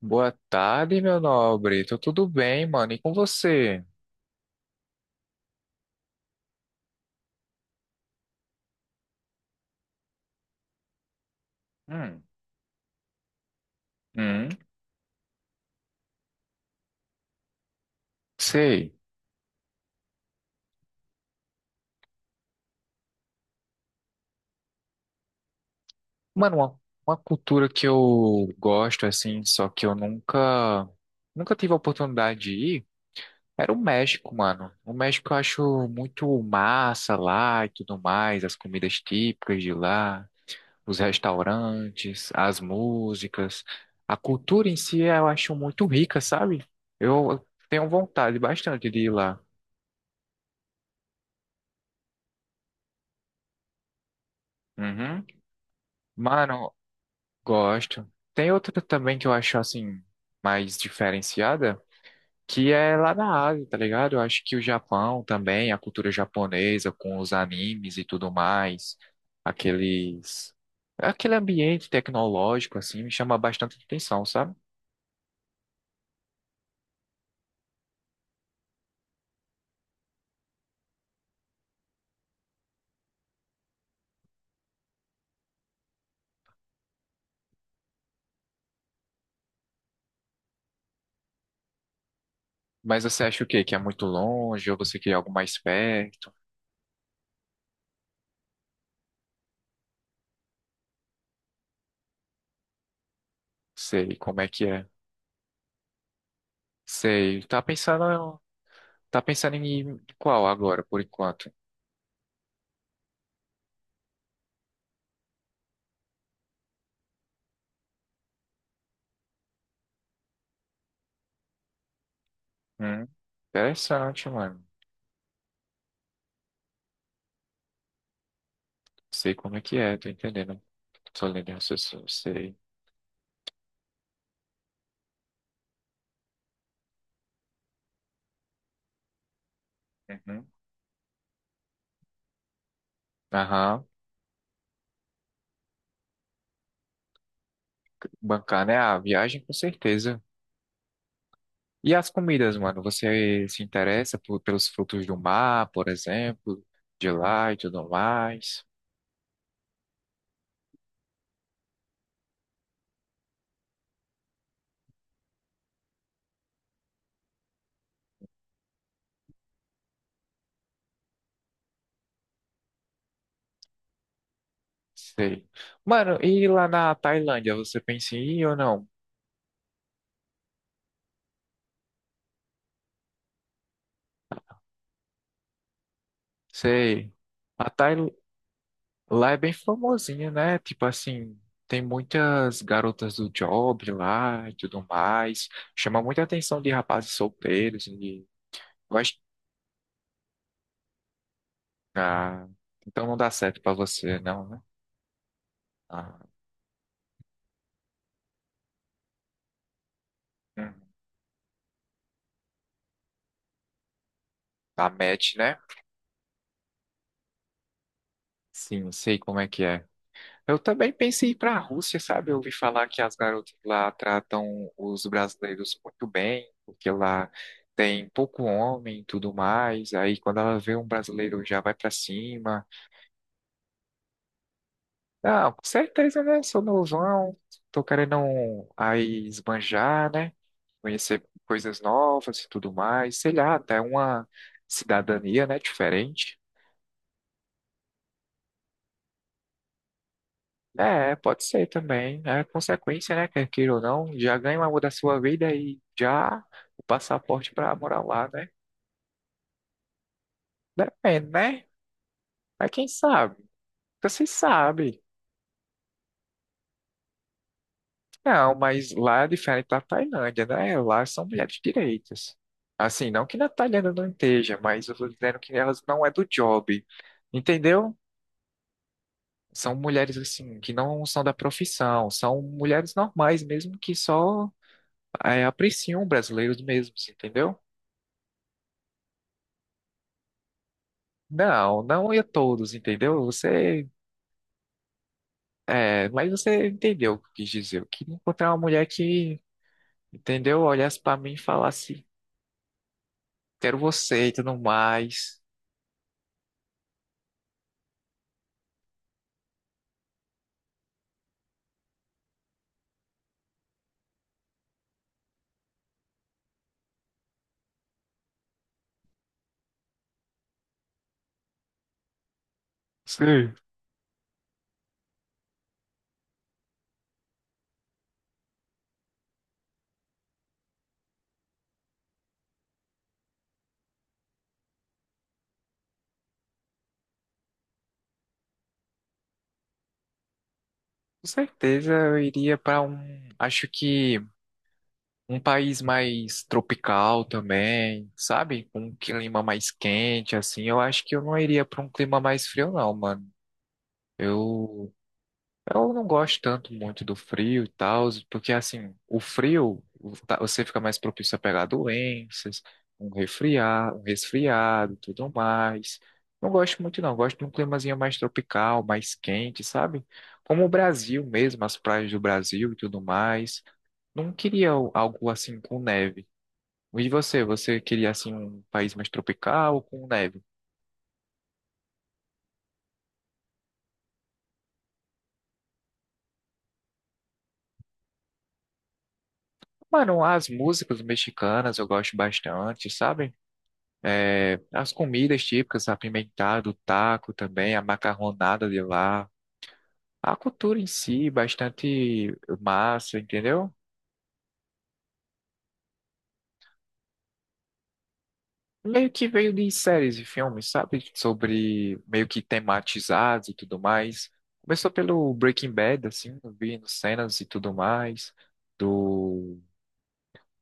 Boa tarde, meu nobre. Tô tudo bem, mano. E com você? Hum, hum, sei. Mano, uma cultura que eu gosto, assim, só que eu nunca tive a oportunidade de ir, era o México, mano. O México eu acho muito massa lá e tudo mais, as comidas típicas de lá, os restaurantes, as músicas. A cultura em si eu acho muito rica, sabe? Eu tenho vontade bastante de ir lá. Uhum. Mano, gosto. Tem outra também que eu acho assim mais diferenciada, que é lá na Ásia, tá ligado? Eu acho que o Japão também, a cultura japonesa com os animes e tudo mais, aqueles aquele ambiente tecnológico assim me chama bastante atenção, sabe? Mas você acha o quê? Que é muito longe ou você quer algo mais perto? Sei como é que é. Sei. Tá pensando em qual agora, por enquanto? Hum, interessante, mano. Sei como é que é, tô entendendo. Tô lendo o raciocínio, sei. Uhum. Aham. Bancar, né? A viagem, com certeza. E as comidas, mano? Você se interessa por- pelos frutos do mar, por exemplo, de lá e tudo mais? Sei. Mano, e lá na Tailândia, você pensa em ir ou não? Sei. A Tail... Lá é bem famosinha, né? Tipo assim, tem muitas garotas do job lá e tudo mais. Chama muita atenção de rapazes solteiros, gosto. Ah, então não dá certo pra você, não, né? Ah, hum, a match, né? Sim, sei como é que é. Eu também pensei em ir pra Rússia, sabe? Eu ouvi falar que as garotas lá tratam os brasileiros muito bem, porque lá tem pouco homem e tudo mais. Aí quando ela vê um brasileiro já vai para cima. Não, com certeza, né? Sou novão, tô querendo um- aí esbanjar, né? Conhecer coisas novas e tudo mais, sei lá, até uma cidadania, né, diferente. É, pode ser também, é consequência, né, quer queira ou não, já ganha uma da sua vida e já o passaporte para morar lá, né? Depende, né? Mas quem sabe? Você sabe. Não, mas lá é diferente da Tailândia, né? Lá são mulheres direitas. Assim, não que na Tailândia não esteja, mas eu tô dizendo que elas não é do job, entendeu? São mulheres, assim, que não são da profissão, são mulheres normais mesmo, que só é, apreciam brasileiros mesmos, entendeu? Não, não é todos, entendeu? Você, é, mas você entendeu o que eu quis dizer. Eu queria encontrar uma mulher que, entendeu? Olhasse pra mim e falasse, quero você e tudo mais. Sim. Com certeza eu iria para um, acho que um país mais tropical também, sabe? Com um clima mais quente, assim. Eu acho que eu não iria para um clima mais frio, não, mano. Eu eu não gosto tanto muito do frio e tal, porque assim, o frio o- tá- você fica mais propício a pegar doenças, um resfriar, um resfriado, tudo mais. Não gosto muito não, gosto de um climazinho mais tropical, mais quente, sabe? Como o Brasil mesmo, as praias do Brasil e tudo mais. Não queria o- algo assim com neve. E você, você queria assim um país mais tropical ou com neve? Mano, as músicas mexicanas eu gosto bastante, sabe? É, as comidas típicas, apimentado, o taco também, a macarronada de lá. A cultura em si, bastante massa, entendeu? Meio que veio de séries e filmes, sabe? Sobre meio que tematizados e tudo mais. Começou pelo Breaking Bad, assim, vindo cenas e tudo mais, do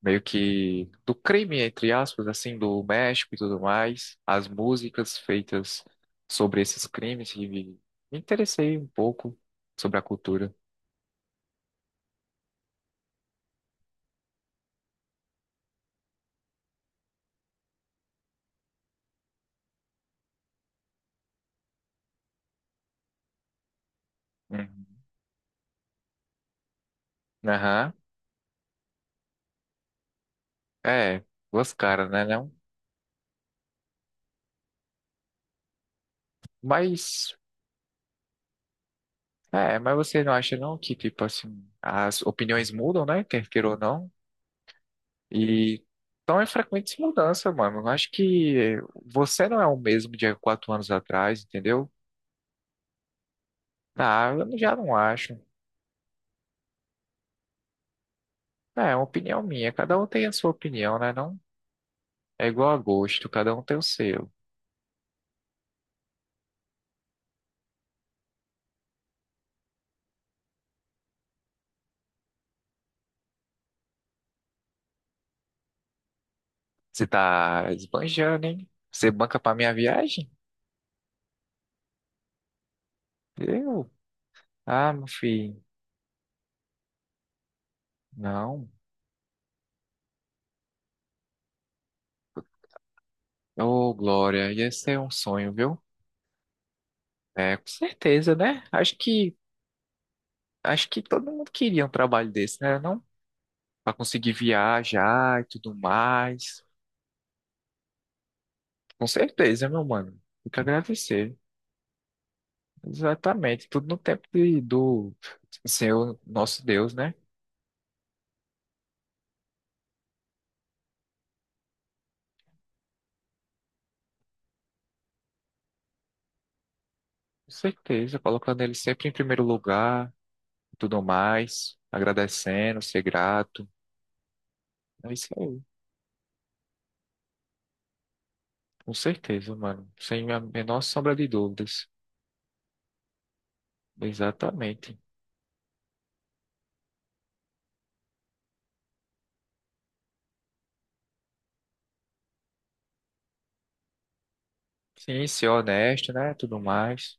meio que do crime, entre aspas, assim, do México e tudo mais, as músicas feitas sobre esses crimes e me interessei um pouco sobre a cultura. Uhum. Aham. É, duas caras, né, não? Mas, é, mas você não acha não que, tipo assim, as opiniões mudam, né, quer queira ou não? E então é frequente mudança, mano. Eu acho que você não é o mesmo de há 4 anos atrás, entendeu? Ah, eu já não acho. É, é uma opinião minha. Cada um tem a sua opinião, né? Não é igual a gosto, cada um tem o seu. Você tá esbanjando, hein? Você banca pra minha viagem? Eu? Ah, meu filho, não. Ô, Glória, ia ser um sonho, viu? É, com certeza, né? Acho que todo mundo queria um trabalho desse, né? Não? Pra conseguir viajar e tudo mais. Com certeza, meu mano. Fica agradecer. Exatamente. Tudo no tempo do Senhor, nosso Deus, né? Com certeza, colocando ele sempre em primeiro lugar, e tudo mais, agradecendo, ser grato. É isso aí. Com certeza, mano. Sem a menor sombra de dúvidas. Exatamente. Sim, ser honesto, né? Tudo mais.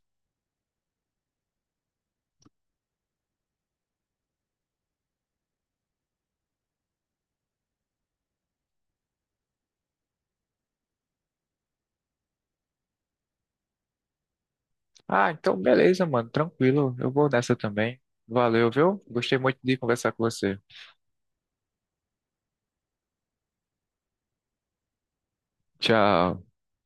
Ah, então beleza, mano. Tranquilo. Eu vou nessa também. Valeu, viu? Gostei muito de conversar com você. Tchau.